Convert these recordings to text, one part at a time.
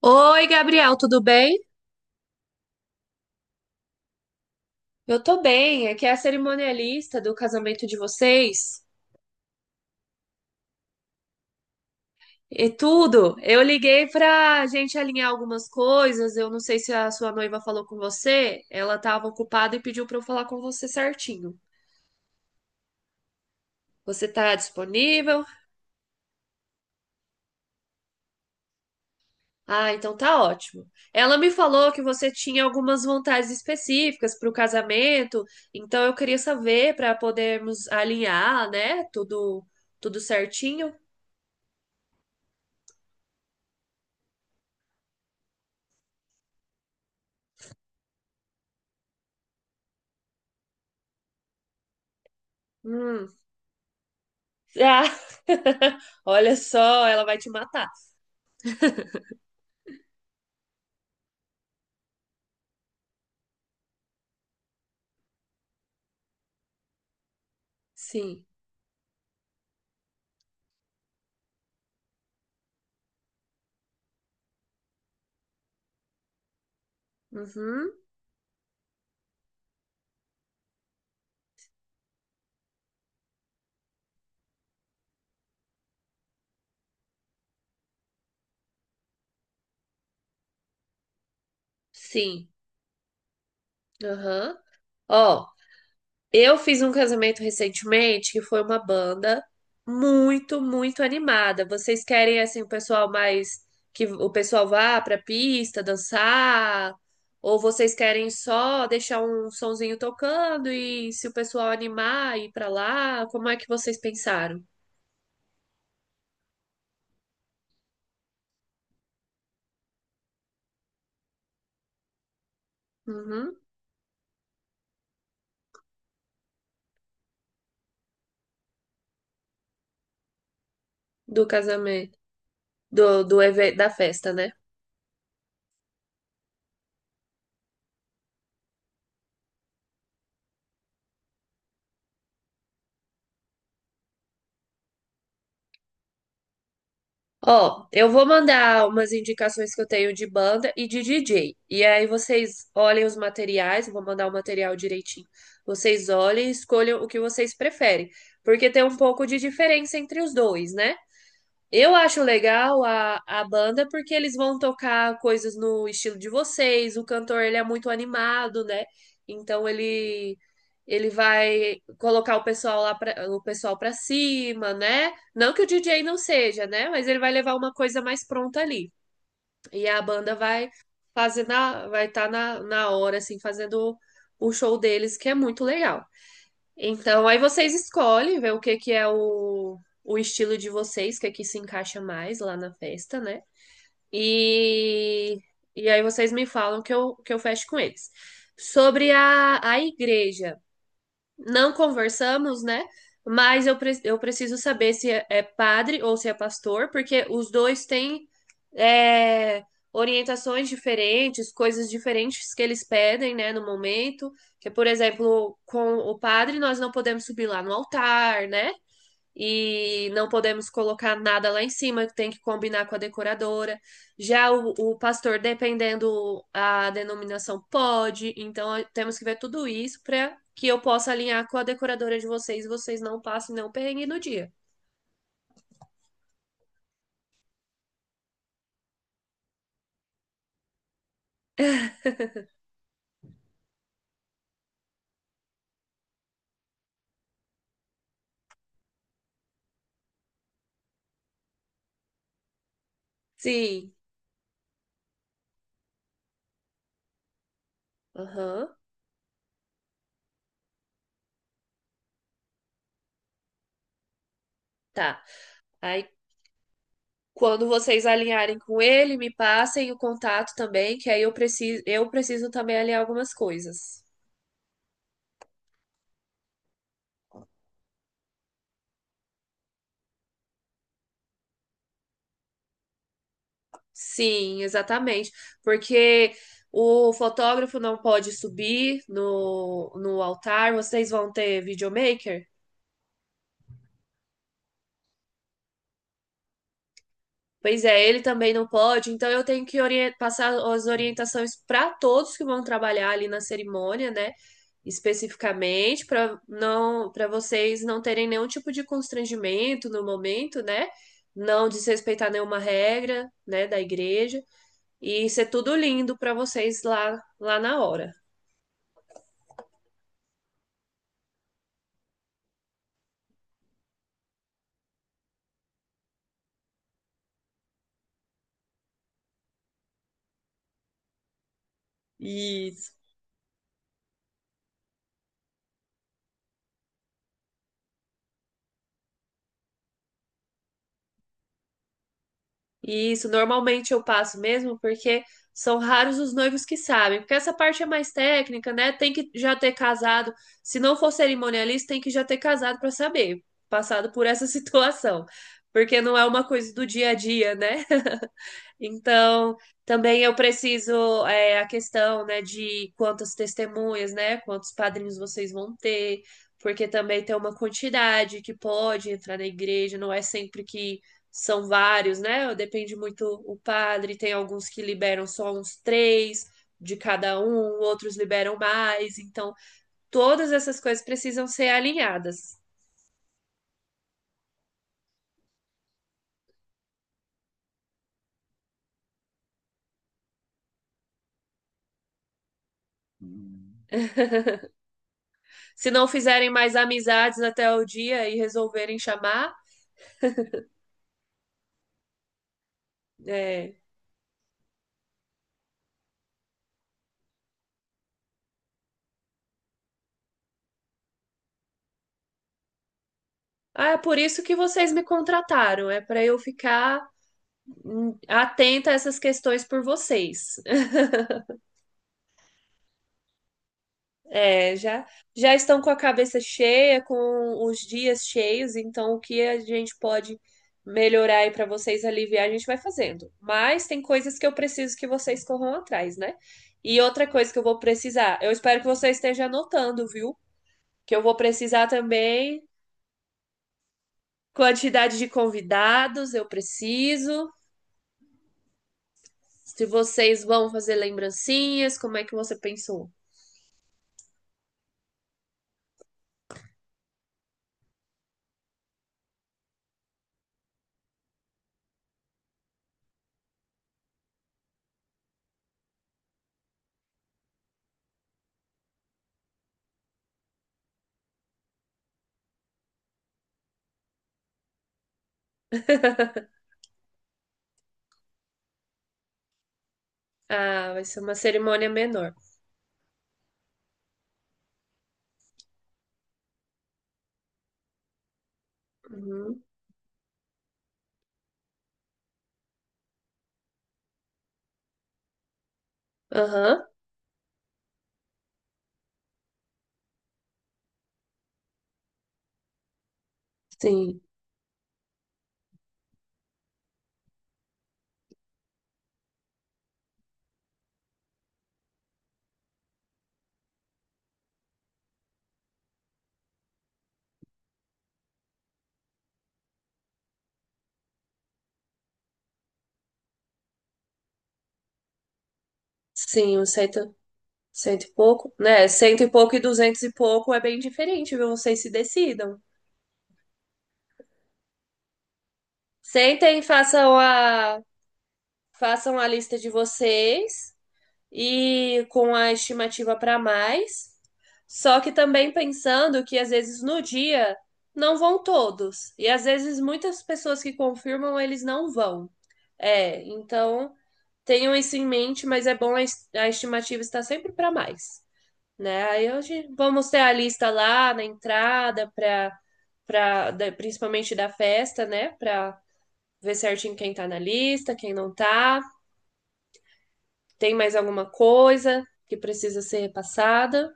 Oi, Gabriel, tudo bem? Eu tô bem, aqui é a cerimonialista do casamento de vocês e tudo. Eu liguei pra gente alinhar algumas coisas, eu não sei se a sua noiva falou com você, ela tava ocupada e pediu pra eu falar com você certinho. Você tá disponível? Ah, então tá ótimo. Ela me falou que você tinha algumas vontades específicas pro casamento, então eu queria saber pra podermos alinhar, né? Tudo certinho. Hum. Ah, olha só, ela vai te matar. Sim. Uhum. Sim. Aham. Ó, eu fiz um casamento recentemente que foi uma banda muito, muito animada. Vocês querem assim o pessoal mais que o pessoal vá pra pista dançar? Ou vocês querem só deixar um sonzinho tocando e se o pessoal animar ir pra lá? Como é que vocês pensaram? Uhum. Do casamento, da festa, né? Ó, eu vou mandar umas indicações que eu tenho de banda e de DJ. E aí vocês olhem os materiais, eu vou mandar o material direitinho. Vocês olhem e escolham o que vocês preferem, porque tem um pouco de diferença entre os dois, né? Eu acho legal a banda porque eles vão tocar coisas no estilo de vocês. O cantor, ele é muito animado, né? Então ele vai colocar o pessoal lá pra, o pessoal para cima, né? Não que o DJ não seja, né? Mas ele vai levar uma coisa mais pronta ali. E a banda vai fazer na vai estar na hora assim fazendo o show deles, que é muito legal. Então, aí vocês escolhem, vê o que que é o estilo de vocês, que aqui se encaixa mais lá na festa, né? E, e aí vocês me falam que eu fecho com eles. Sobre a igreja não conversamos, né? Mas eu, eu preciso saber se é padre ou se é pastor, porque os dois têm é, orientações diferentes, coisas diferentes que eles pedem, né, no momento. Que, por exemplo, com o padre nós não podemos subir lá no altar, né? E não podemos colocar nada lá em cima, tem que combinar com a decoradora. Já o pastor, dependendo a denominação, pode, então temos que ver tudo isso para que eu possa alinhar com a decoradora de vocês, e vocês não passem não perrengue no dia. Sim. Aham. Tá. Aí quando vocês alinharem com ele, me passem o contato também, que aí eu preciso também alinhar algumas coisas. Sim, exatamente. Porque o fotógrafo não pode subir no altar, vocês vão ter videomaker? Pois é, ele também não pode, então eu tenho que passar as orientações para todos que vão trabalhar ali na cerimônia, né? Especificamente, para vocês não terem nenhum tipo de constrangimento no momento, né? Não desrespeitar nenhuma regra, né, da igreja, e ser tudo lindo para vocês lá, lá na hora. E isso normalmente eu passo mesmo, porque são raros os noivos que sabem. Porque essa parte é mais técnica, né? Tem que já ter casado. Se não for cerimonialista, tem que já ter casado para saber, passado por essa situação. Porque não é uma coisa do dia a dia, né? Então, também eu preciso a questão, né, de quantas testemunhas, né, quantos padrinhos vocês vão ter, porque também tem uma quantidade que pode entrar na igreja, não é sempre que são vários, né? Depende muito o padre, tem alguns que liberam só uns três de cada um, outros liberam mais, então todas essas coisas precisam ser alinhadas. Se não fizerem mais amizades até o dia e resolverem chamar, é, ah, é por isso que vocês me contrataram, é para eu ficar atenta a essas questões por vocês. É, já, já estão com a cabeça cheia, com os dias cheios, então o que a gente pode melhorar aí para vocês aliviar, a gente vai fazendo. Mas tem coisas que eu preciso que vocês corram atrás, né? E outra coisa que eu vou precisar, eu espero que você esteja anotando, viu? Que eu vou precisar também quantidade de convidados, eu preciso. Se vocês vão fazer lembrancinhas, como é que você pensou? Ah, vai ser uma cerimônia menor. Uhum. Aham. Sim. Sim, cento e pouco, né? Cento e pouco e duzentos e pouco é bem diferente, viu? Vocês se decidam. Sentem, façam a lista de vocês, e com a estimativa para mais. Só que também pensando que às vezes no dia não vão todos. E às vezes muitas pessoas que confirmam, eles não vão. É, então tenham isso em mente, mas é bom a estimativa estar sempre para mais, né? Aí hoje vamos ter a lista lá na entrada para principalmente da festa, né? Para ver certinho quem tá na lista, quem não tá. Tem mais alguma coisa que precisa ser repassada?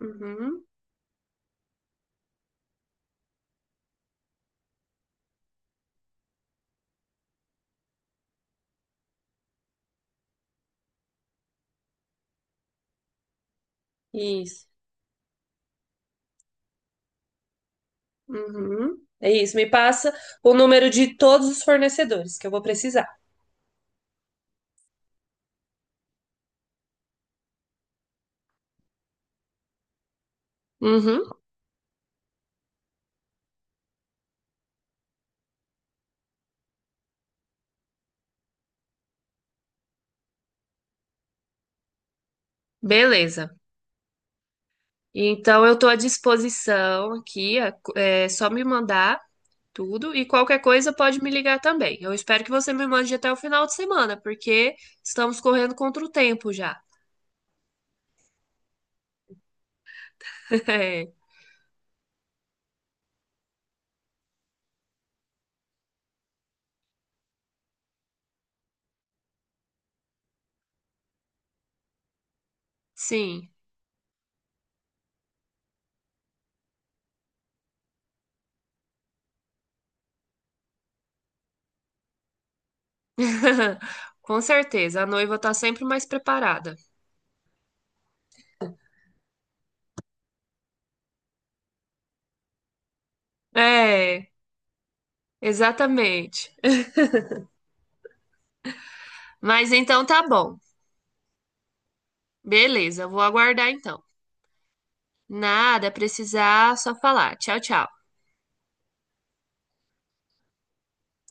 Uhum. Isso. Uhum. É isso. Me passa o número de todos os fornecedores que eu vou precisar. Uhum. Beleza. Então eu estou à disposição aqui. É só me mandar tudo e qualquer coisa pode me ligar também. Eu espero que você me mande até o final de semana, porque estamos correndo contra o tempo já. É, sim. Com certeza, a noiva está sempre mais preparada. É, exatamente. Mas então tá bom. Beleza, vou aguardar então. Nada, precisar, só falar. Tchau, tchau.